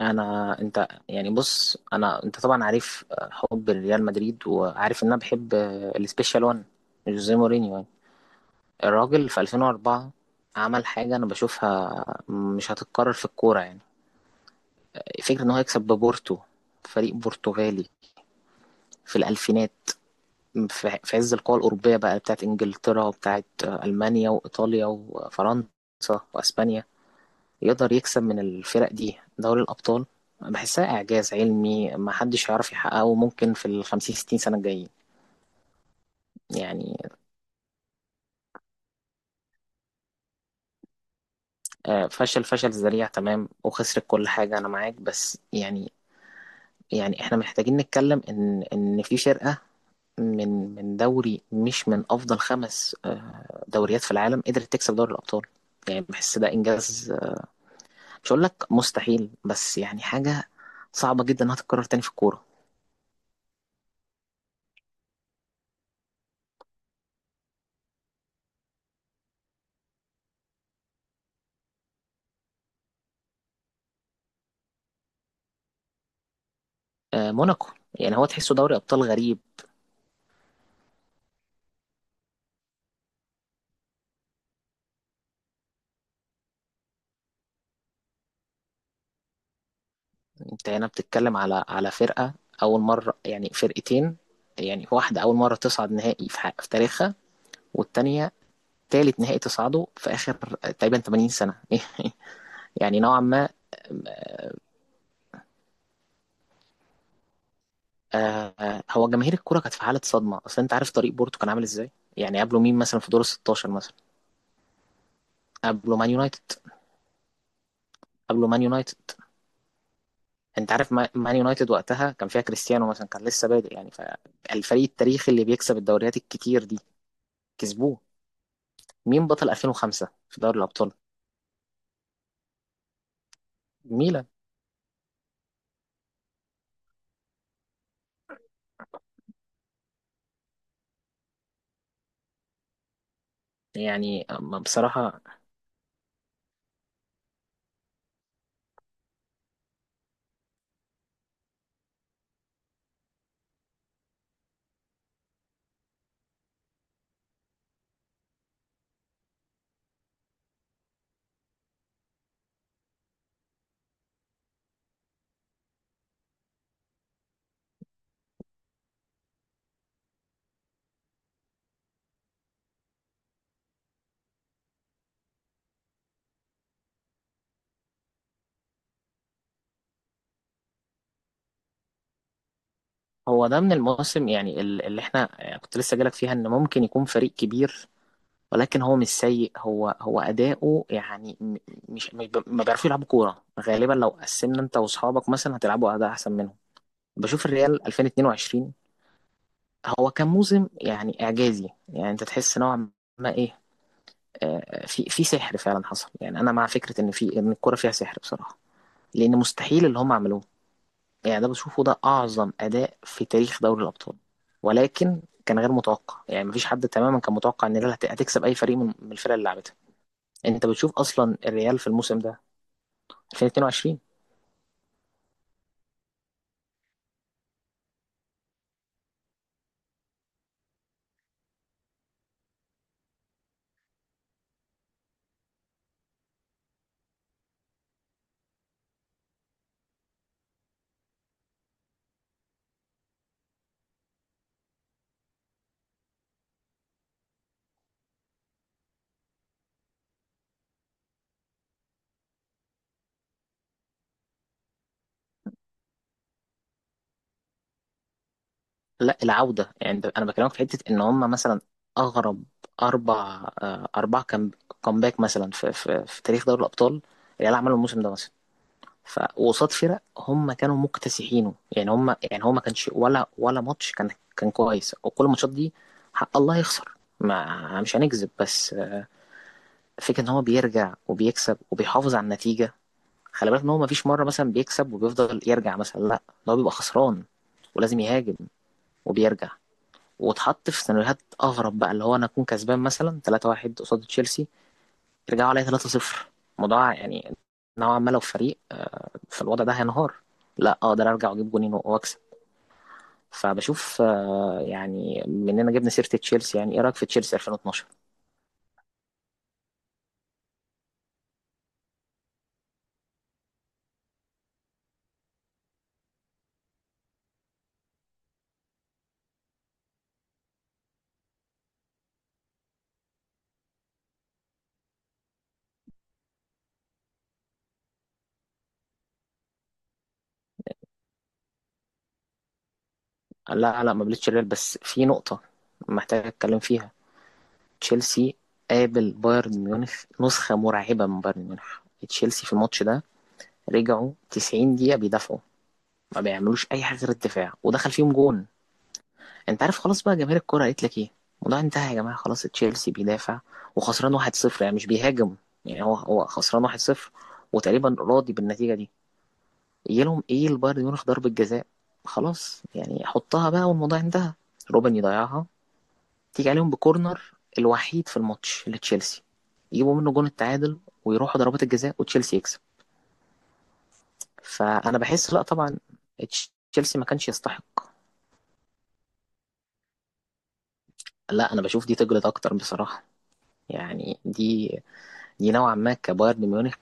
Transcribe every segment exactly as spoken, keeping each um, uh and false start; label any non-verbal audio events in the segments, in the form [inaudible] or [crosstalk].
انا انت يعني بص انا انت طبعا عارف، آه، حب ريال مدريد وعارف ان انا بحب، آه، السبيشال وان جوزيه مورينيو يعني الراجل في ألفين واربعة عمل حاجه انا بشوفها مش هتتكرر في الكوره يعني فكره ان هو يكسب ببورتو، فريق برتغالي في الالفينات، في في عز القوى الاوروبيه بقى بتاعت انجلترا وبتاعت، آه، المانيا وايطاليا وفرنسا واسبانيا، يقدر يكسب من الفرق دي دوري الأبطال. بحسها إعجاز علمي ما حدش يعرف يحققه ممكن في الخمسين ستين سنة الجايين يعني. آه، فشل فشل ذريع تمام وخسرت كل حاجة، أنا معاك بس يعني يعني إحنا محتاجين نتكلم إن إن في فرقة من من دوري مش من أفضل خمس، آه، دوريات في العالم قدرت تكسب دوري الأبطال. يعني بحس ده إنجاز، آه، مش هقول لك مستحيل بس يعني حاجة صعبة جدا إنها تتكرر تاني في الكورة. آه، موناكو يعني، هو تحسه دوري أبطال غريب. انت هنا بتتكلم على على فرقة اول مرة يعني، فرقتين يعني، واحدة اول مرة تصعد نهائي في, ح- في تاريخها، والتانية تالت نهائي تصعده في اخر تقريبا تمانين سنة [laughs] يعني نوعا ما. آه آه، هو جماهير الكرة كانت في حالة صدمة، اصل انت عارف طريق بورتو كان عامل ازاي. يعني قبله مين مثلا في دور ال ستاشر مثلا؟ قبله مان يونايتد، قبله مان يونايتد انت عارف ما- مان يونايتد وقتها كان فيها كريستيانو مثلا، كان لسه بادئ يعني، فالفريق التاريخي اللي بيكسب الدوريات الكتير دي كسبوه. مين بطل ألفين وخمسة في دوري الأبطال؟ ميلان. يعني أما بصراحة، هو ده من المواسم يعني ال- اللي احنا يعني كنت لسه جالك فيها ان ممكن يكون فريق كبير، ولكن هو مش سيء، هو هو أداؤه يعني م- مش مش ب- ما بيعرفوا يلعبوا كورة غالبا. لو قسمنا انت واصحابك مثلا هتلعبوا أداء أحسن منهم. بشوف الريال ألفين واتنين وعشرين، هو كان موسم يعني إعجازي، يعني انت تحس نوعا ما ايه، آه، في في سحر فعلا حصل. يعني انا مع فكرة ان في ان الكورة فيها سحر بصراحة، لان مستحيل اللي هم عملوه. يعني ده بشوفه ده أعظم أداء في تاريخ دوري الأبطال، ولكن كان غير متوقع. يعني مفيش حد تماما كان متوقع إن الريال هت- هتكسب أي فريق من من الفرق اللي لعبتها. أنت بتشوف أصلا الريال في الموسم ده ألفين واتنين وعشرين. لا العودة يعني ده- أنا بكلمك في حتة إن هم مثلا أغرب أربع، آه، أربع كام- كامباك مثلا في, في, في تاريخ دوري الأبطال الريال عمله الموسم ده مثلا، فقصاد فرق هم كانوا مكتسحينه. يعني هم يعني هو ما كانش ولا ولا ماتش كان كان كويس، وكل الماتشات دي حق الله يخسر، ما مش هنكذب، بس فكرة ان هو بيرجع وبيكسب وبيحافظ على النتيجة. خلي بالك ان هو ما فيش مرة مثلا بيكسب وبيفضل يرجع مثلا، لا، ده هو بيبقى خسران ولازم يهاجم وبيرجع. واتحط في سيناريوهات اغرب بقى اللي هو انا اكون كسبان مثلا تلاتة واحد قصاد تشيلسي، يرجعوا عليا تلاتة صفر. الموضوع يعني نوعا ما لو فريق فالوضع ده هينهار، لا اقدر ارجع واجيب جونين واكسب. فبشوف، آه، يعني مننا جبنا سيره تشيلسي، يعني ايه رايك في تشيلسي ألفين واتناشر؟ لا لا ما قابلتش الريال، بس في نقطه محتاج اتكلم فيها. تشيلسي قابل بايرن ميونخ، نسخه مرعبه من بايرن ميونخ. تشيلسي في الماتش ده رجعوا تسعين دقيقه بيدافعوا، ما بيعملوش اي حاجه غير الدفاع، ودخل فيهم جون. انت عارف خلاص بقى، جماهير الكرة قالت لك ايه الموضوع انتهى يا جماعة، خلاص تشيلسي بيدافع وخسران واحد صفر يعني، مش بيهاجم. يعني هو هو خسران واحد صفر وتقريبا راضي بالنتيجة دي. يجي لهم ايه؟ البايرن ميونخ ضربة جزاء، خلاص يعني حطها بقى والموضوع انتهى. روبن يضيعها، تيجي عليهم بكورنر الوحيد في الماتش لتشيلسي، يجيبوا منه جون التعادل، ويروحوا ضربات الجزاء وتشيلسي يكسب. فانا بحس لا، طبعا تشيلسي ما كانش يستحق. لا انا بشوف دي تجلد اكتر بصراحة، يعني دي نوعا ما كبايرن ميونخ،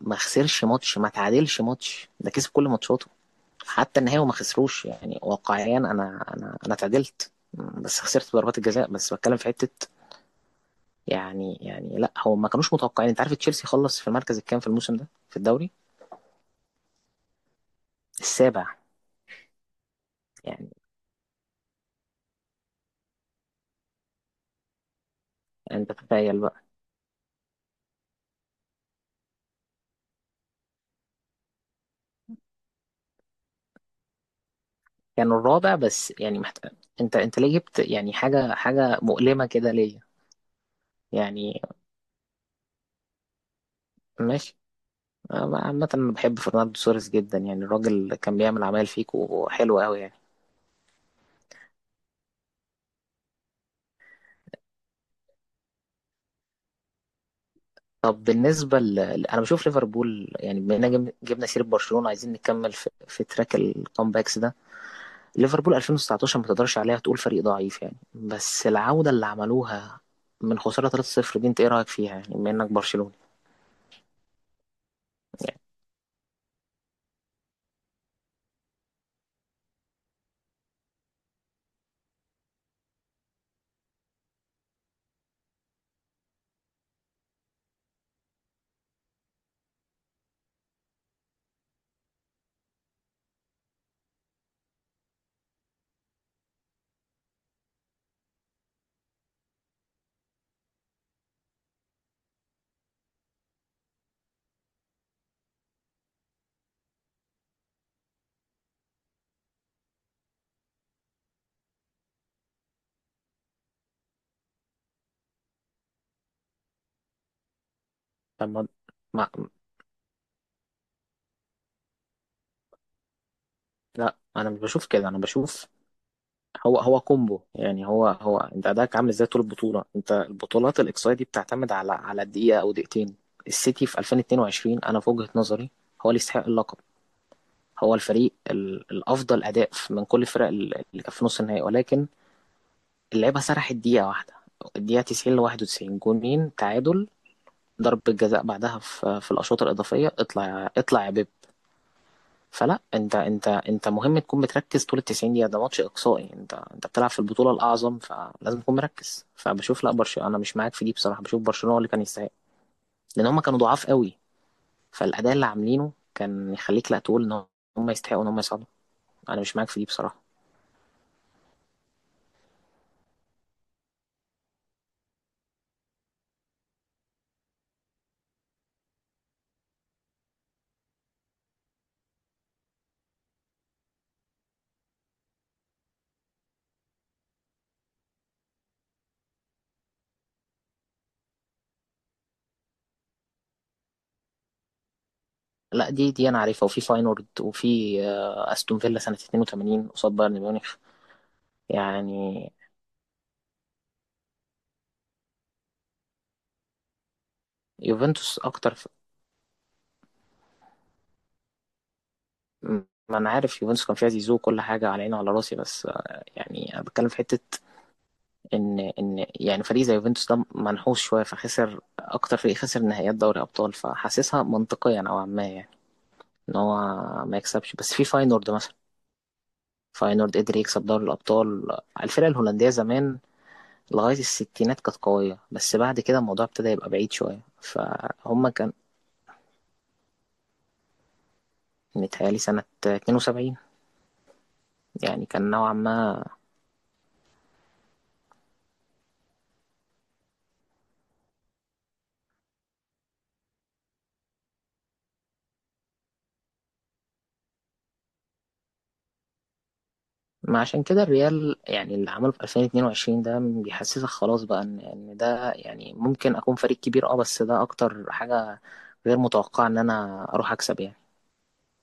ما خسرش ماتش، ما تعادلش ماتش ده، كسب كل ماتشاته حتى النهائي وما خسروش. يعني واقعيا انا انا انا اتعادلت بس خسرت ضربات الجزاء، بس بتكلم في حته يعني. يعني لا، هو ما كانوش متوقعين. انت عارف تشيلسي خلص في المركز الكام في الموسم ده في الدوري؟ السابع يعني. انت تخيل بقى. كانوا يعني الرابع، بس يعني محت... انت انت ليه جبت يعني حاجه حاجه مؤلمه كده ليا يعني؟ ماشي. أنا عامة أنا بحب فرناندو سوريس جدا، يعني الراجل كان بيعمل عمايل فيكو حلوة أوي يعني. طب بالنسبة ل... ل- أنا بشوف ليفربول، يعني بما إننا جبنا جبنا سيرة برشلونة، عايزين نكمل في, في تراك الكامباكس ده. ليفربول ألفين وتسعتاشر ما تقدرش عليها تقول فريق ضعيف يعني، بس العودة اللي عملوها من خسارة تلاتة صفر دي، أنت إيه رأيك فيها يعني بما إنك برشلوني؟ يعني طب ما... ما... لا أنا مش بشوف كده، أنا بشوف هو هو كومبو. يعني هو هو انت اداك عامل ازاي طول البطوله. انت البطولات الاقصائيه دي بتعتمد على على دقيقه او دقيقتين. السيتي في ألفين واتنين وعشرين انا في وجهه نظري هو اللي يستحق اللقب، هو الفريق ال- الافضل اداء في- من كل الفرق ال- اللي كانت في نص النهائي، ولكن اللعيبه سرحت دقيقه واحده، الدقيقه تسعين ل واحد وتسعين جونين تعادل، ضربه جزاء بعدها في في الاشواط الاضافيه، اطلع اطلع يا بيب. فلا، انت انت انت مهم تكون بتركز طول ال تسعين دقيقه، ده ماتش اقصائي، انت انت بتلعب في البطوله الاعظم، فلازم تكون مركز. فبشوف لا، برشلونه انا مش معاك في دي بصراحه. بشوف برشلونه هو اللي كان يستحق، لان هم كانوا ضعاف قوي، فالاداء اللي عاملينه كان يخليك لا تقول ان هم يستحقوا ان هم يصعدوا. انا مش معاك في دي بصراحه. لا دي دي انا عارفها، وفي فاينورد، وفي، آه، استون فيلا سنه اتنين وتمانين قصاد بايرن ميونخ يعني. يوفنتوس اكتر ف... ما انا عارف يوفنتوس كان فيها زيزو وكل حاجه على عيني وعلى راسي، بس، آه، يعني انا بتكلم في حته ان ان يعني فريق زي يوفنتوس ده منحوس شويه، فخسر اكتر فريق خسر نهائيات دوري ابطال، فحاسسها منطقيا نوعا ما يعني ان هو ما يكسبش. بس في فاينورد مثلا، فاينورد قدر يكسب دوري الابطال. الفرقه الهولنديه زمان لغايه الستينات كانت قويه، بس بعد كده الموضوع ابتدى يبقى بعيد شويه، فهم كان متهيألي سنه اتنين وسبعين. يعني كان نوعا ما. ما عشان كده الريال يعني اللي عمله في ألفين واتنين وعشرين ده بيحسسك خلاص بقى ان ان ده يعني ممكن اكون فريق كبير. اه بس ده اكتر حاجة غير متوقعة، ان انا اروح اكسب يعني.